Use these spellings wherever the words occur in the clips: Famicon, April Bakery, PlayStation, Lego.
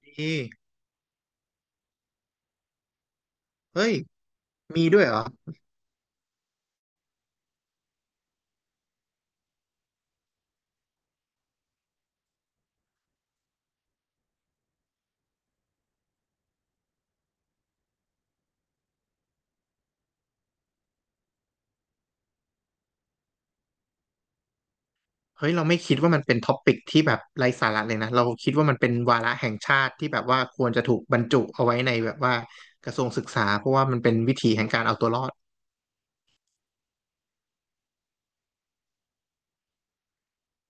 มีเฮ้ยมีด้วยเหรอ เฮ้ย เราไม่คิดว่ามันเป็นท็อปิกที่แบบไร้สาระเลยนะเราคิดว่ามันเป็นวาระแห่งชาติที่แบบว่าควรจะถูกบรรจุเอาไว้ในแบบว่ากระทรวงศึกษาเพราะว่ามันเป็นวิธีแห่งการเอาตัวรอด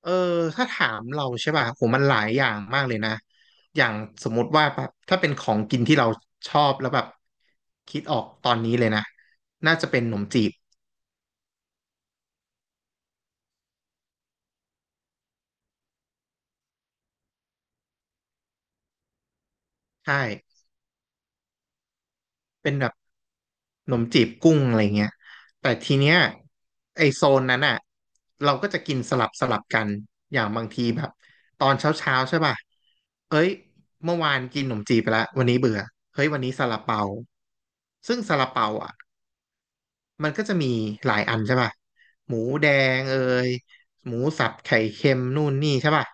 เออถ้าถามเราใช่ป่ะโหมันหลายอย่างมากเลยนะอย่างสมมติว่าแบบถ้าเป็นของกินที่เราชอบแล้วแบบคิดออกตอนนี้เลยนะน่าจะเป็นขนมจีบใช่ เป็นแบบขนมจีบกุ้งอะไรเงี้ยแต่ทีเนี้ยไอโซนนั้นอ่ะเราก็จะกินสลับกันอย่างบางทีแบบตอนเช้าใช่ป่ะเอ้ยเมื่อวานกินขนมจีบไปละวันนี้เบื่อเฮ้ยวันนี้ซาลาเปาซึ่งซาลาเปาอ่ะมันก็จะมีหลายอันใช่ป่ะหมูแดงเอยหมูสับไข่เค็มนู่นนี่ใช่ป่ะ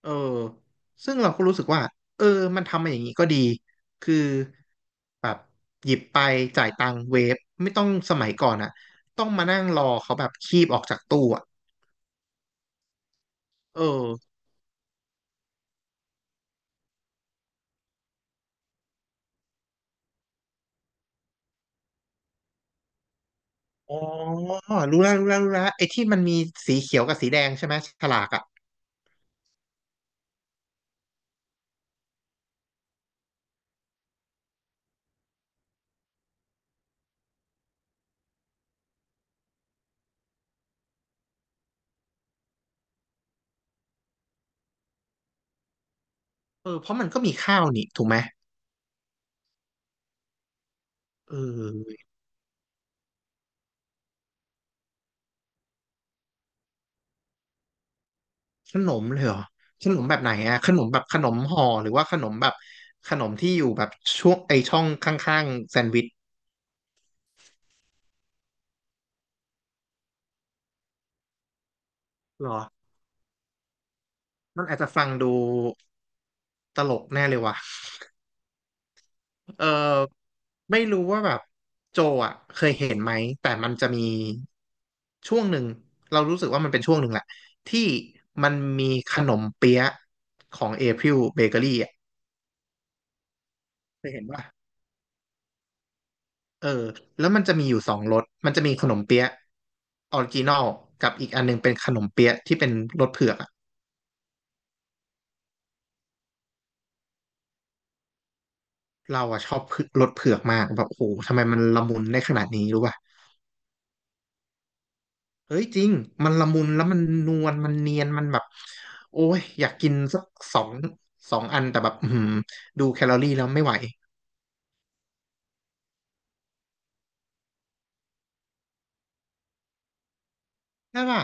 เออซึ่งเราก็รู้สึกว่าเออมันทำมาอย่างนี้ก็ดี คือแบบหยิบไปจ่ายตังค์เวฟไม่ต้องสมัยก่อนอะต้องมานั่งรอเขาแบบคีบออกจากตู้อะเอออ๋อ รู้แล้วไอ้ที่มันมีสีเขียวกับสีแดงใช่ไหมฉลากอะเออเพราะมันก็มีข้าวนี่ถูกไหมเออขนมเลยเหรอ ขนมแบบไหนอะขนมแบบขนมห่อหรือว่าขนมแบบขนมที่อยู่แบบช่วงไอช่องข้างๆแซนด์วิชเหรอมันอาจจะฟังดู ตลกแน่เลยว่ะเออไม่รู้ว่าแบบโจอ่ะเคยเห็นไหม แต่มันจะมีช่วงหนึ่งเรารู้สึกว่ามันเป็นช่วงหนึ่งแหละที่มันมีขนมเปี๊ยะของ April Bakery อ่ะเคยเห็นป่ะเออแล้วมันจะมีอยู่สองรสมันจะมีขนมเปี๊ยะออริจินอลกับอีกอันหนึงเป็นขนมเปี๊ยะที่เป็นรสเผือกอะเราอะชอบเผือกรสเผือกมากแบบโอ้โหทำไมมันละมุนได้ขนาดนี้รู้ป่ะ เฮ้ยจริงมันละมุนแล้วมันนวลมันเนียนมันแบบโอ้ยอยากกินสักสองสองอันแต่แบบอือหือดูแคลอรี่แล้วไม่ไหวใช่ป่ะ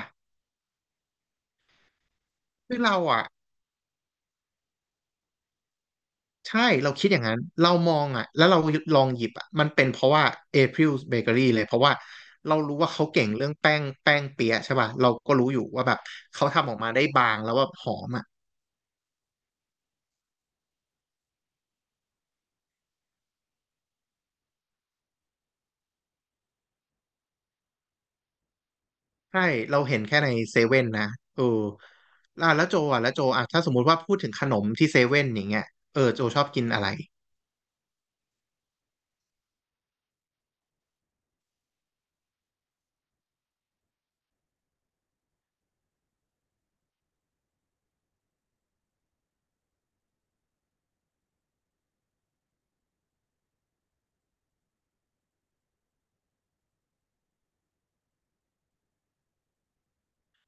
คือเราอ่ะใช่เราคิดอย่างนั้นเรามองอ่ะแล้วเราลองหยิบอ่ะมันเป็นเพราะว่า April Bakery เลยเพราะว่าเรารู้ว่าเขาเก่งเรื่องแป้งเปี๊ยะใช่ป่ะเราก็รู้อยู่ว่าแบบเขาทำออกมาได้บางแล้วแบบหอมอ่ะ ใช่เราเห็นแค่ในเซเว่นนะเอออ่ะแล้วโจอ่ะถ้าสมมุติว่าพูดถึงขนมที่เซเว่นอย่างเงี้ยเออโจชอบกินอะไร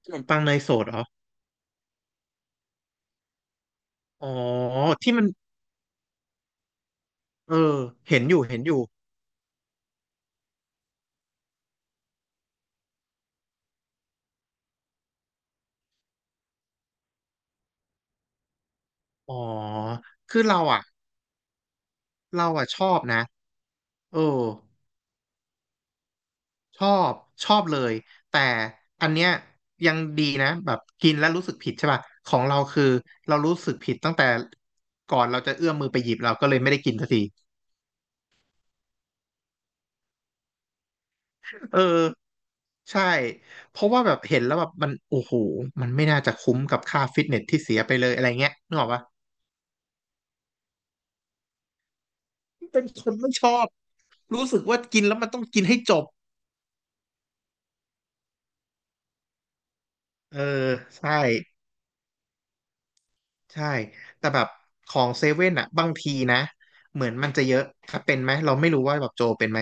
ขนมปังเนยสดเหรออ๋อที่มันเออเห็นอยู่เห็นอยู่อ๋อคือเราอ่ะเราอ่ะชอบนะเออชอบชอบเลยแต่อันเนี้ยยังดีนะแบบกินแล้วรู้สึกผิดใช่ป่ะของเราคือเรารู้สึกผิดตั้งแต่ก่อนเราจะเอื้อมมือไปหยิบเราก็เลยไม่ได้กินสักที เออใช่เพราะว่าแบบเห็นแล้วแบบมันโอ้โหมันไม่น่าจะคุ้มกับค่าฟิตเนสที่เสียไปเลยอะไรเงี้ยนึกออกปะเป็นคนไม่ชอบรู้สึกว่ากินแล้วมันต้องกินให้จบเออใช่ใช่แต่แบบของเซเว่นอะบางทีนะเหมือนมันจะเยอะถ้าเป็นไหมเราไม่รู้ว่าแบบโจเป็นไหม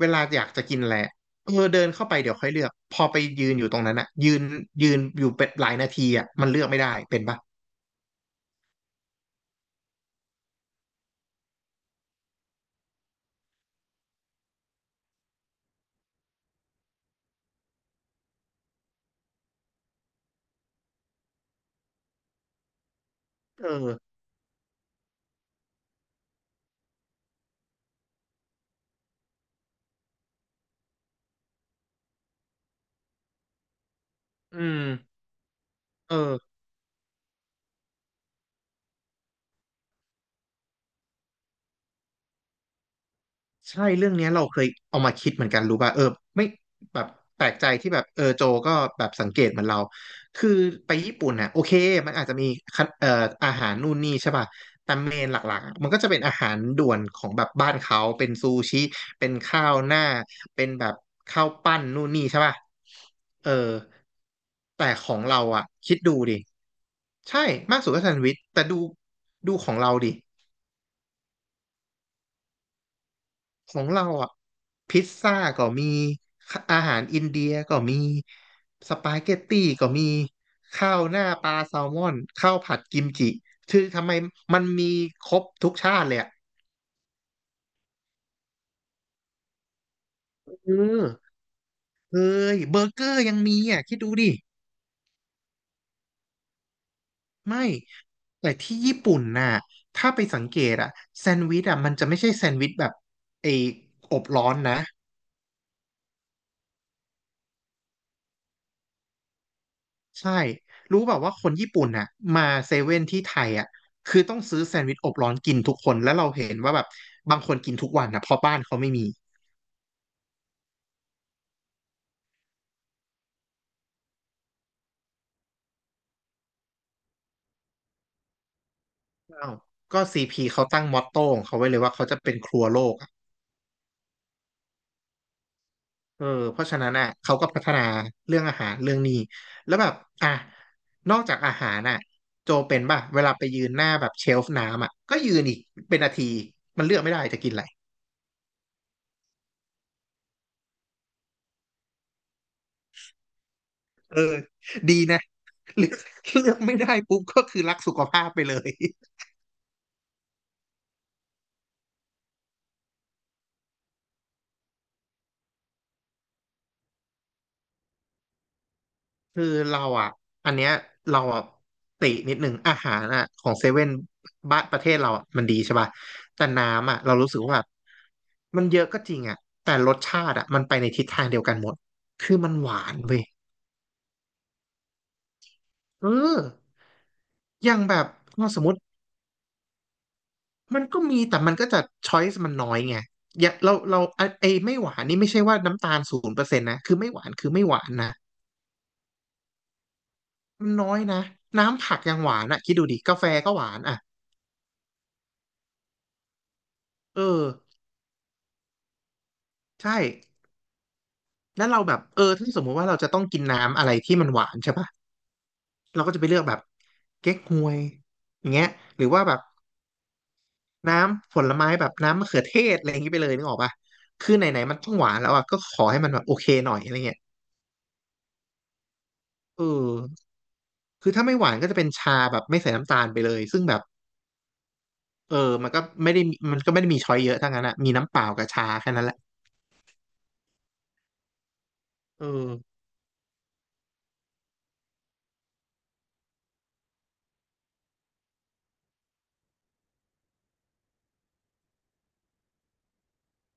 เวลาอยากจะกินอะไรอะเออเดินเข้าไปเดี๋ยวค่อยเลือกพอไปยืนอยู่ตรงนั้นอะยืนอยู่เป็นหลายนาทีอะมันเลือกไม่ได้เป็นปะเอออืมเออ ใช่เรื่องเนี้ยเราเคยเอามาคิดเหมือนกันรู้ป่ะเออไม่แบบแปลกใจที่แบบเออโจก็แบบสังเกตเหมือนเราคือไปญี่ปุ่นน่ะโอเคมันอาจจะมีคันอาหารนู่นนี่ใช่ป่ะแต่เมนหลักๆอะมันก็จะเป็นอาหารด่วนของแบบบ้านเขาเป็นซูชิเป็นข้าวหน้าเป็นแบบข้าวปั้นนู่นนี่ใช่ป่ะเออแต่ของเราอ่ะคิดดูดิใช่มากสุดก็แซนด์วิชแต่ดูของเราดิ ของเราอ่ะพิซซ่าก็มีอาหารอินเดียก็มีสปาเกตตี้ก็มีข้าวหน้าปลาแซลมอนข้าวผัดกิมจิคือทำไมมันมีครบทุกชาติเลยอ่ะเออเฮ้ยเบอร์เกอร์ยังมีอ่ะคิดดูดิไม่แต่ที่ญี่ปุ่นน่ะถ้าไปสังเกตอ่ะแซนด์วิชอ่ะมันจะไม่ใช่แซนด์วิชแบบไอ้อบร้อนนะ ใช่รู้แบบว่าคนญี่ปุ่นน่ะมาเซเว่นที่ไทยอ่ะคือต้องซื้อแซนด์วิชอบร้อนกินทุกคนแล้วเราเห็นว่าแบบบางคนกินทุกวันนะเพราะบ้านเขาไม่มีอ้าวก็ซีพีเขาตั้งมอตโต้ของเขาไว้เลยว่าเขาจะเป็นครัวโลกอะเออเพราะฉะนั้นอ่ะเขาก็พัฒนาเรื่องอาหารเรื่องนี้แล้วแบบอ่ะนอกจากอาหารน่ะโจเป็นป่ะเวลาไปยืนหน้าแบบเชลฟ์น้ำอ่ะก็ยืนอีกเป็นนาทีอีกมันเลือกไม่ได้จะกินอะไรเออดีนะ เลือกเลือกไม่ได้ปุ๊บก็คือรักสุขภาพไปเลย คือเราอ่ะอันเนี้ยเราอ่ะตินิดหนึ่งอาหารอ่ะของเซเว่นบ้านประเทศเราอ่ะมันดีใช่ป่ะแต่น้ำอ่ะเรารู้สึกว่าแบบมันเยอะก็จริงอ่ะแต่รสชาติอ่ะมันไปในทิศทางเดียวกันหมดคือมันหวานเว้ยเอออย่างแบบเราสมมติมันก็มีแต่มันก็จะช้อยส์มันน้อยไงอย่าเราเราไอไม่หวานนี่ไม่ใช่ว่าน้ำตาลศูนย์เปอร์เซ็นต์นะคือไม่หวานคือไม่หวานนะมันน้อยนะน้ำผักยังหวานอ่ะคิดดูดิกาแฟก็หวานอ่ะเออ ใช่แล้วเราแบบเออถ้าสมมุติว่าเราจะต้องกินน้ำอะไรที่มันหวานใช่ปะเราก็จะไปเลือกแบบเก๊กฮวยอย่างเงี้ยหรือว่าแบบน้ำผลไม้แบบน้ำมะเขือเทศอะไรอย่างงี้ไปเลยนึกออกปะคือไหนๆมันต้องหวานแล้วอ่ะก็ขอให้มันแบบโอเคหน่อยอะไรเงี้ยเออคือถ้าไม่หวานก็จะเป็นชาแบบไม่ใส่น้ำตาลไปเลยซึ่งแบบเออมันก็ไม่ได้มันก็ไม่ได้มีช้อยเยอะทั้งนั้นอะมีน้ำเปล่ากับชาแค่นั้นแหละเออ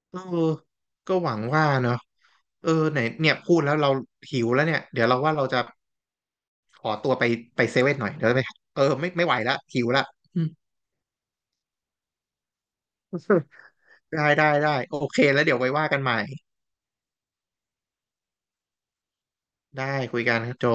เออก็หวังว่าเนาะเออไหนเนี่ยพูดแล้วเราหิวแล้วเนี่ยเดี๋ยวเราว่าเราจะ ขอตัวไปไปเซเว่นหน่อยเดี๋ยวไปเออไม่ไม่ไหวละหิวละอืม ได้ได้ได้โอเคแล้วเดี๋ยวไว้ว่ากันใหม่ได้คุยกันครับโจ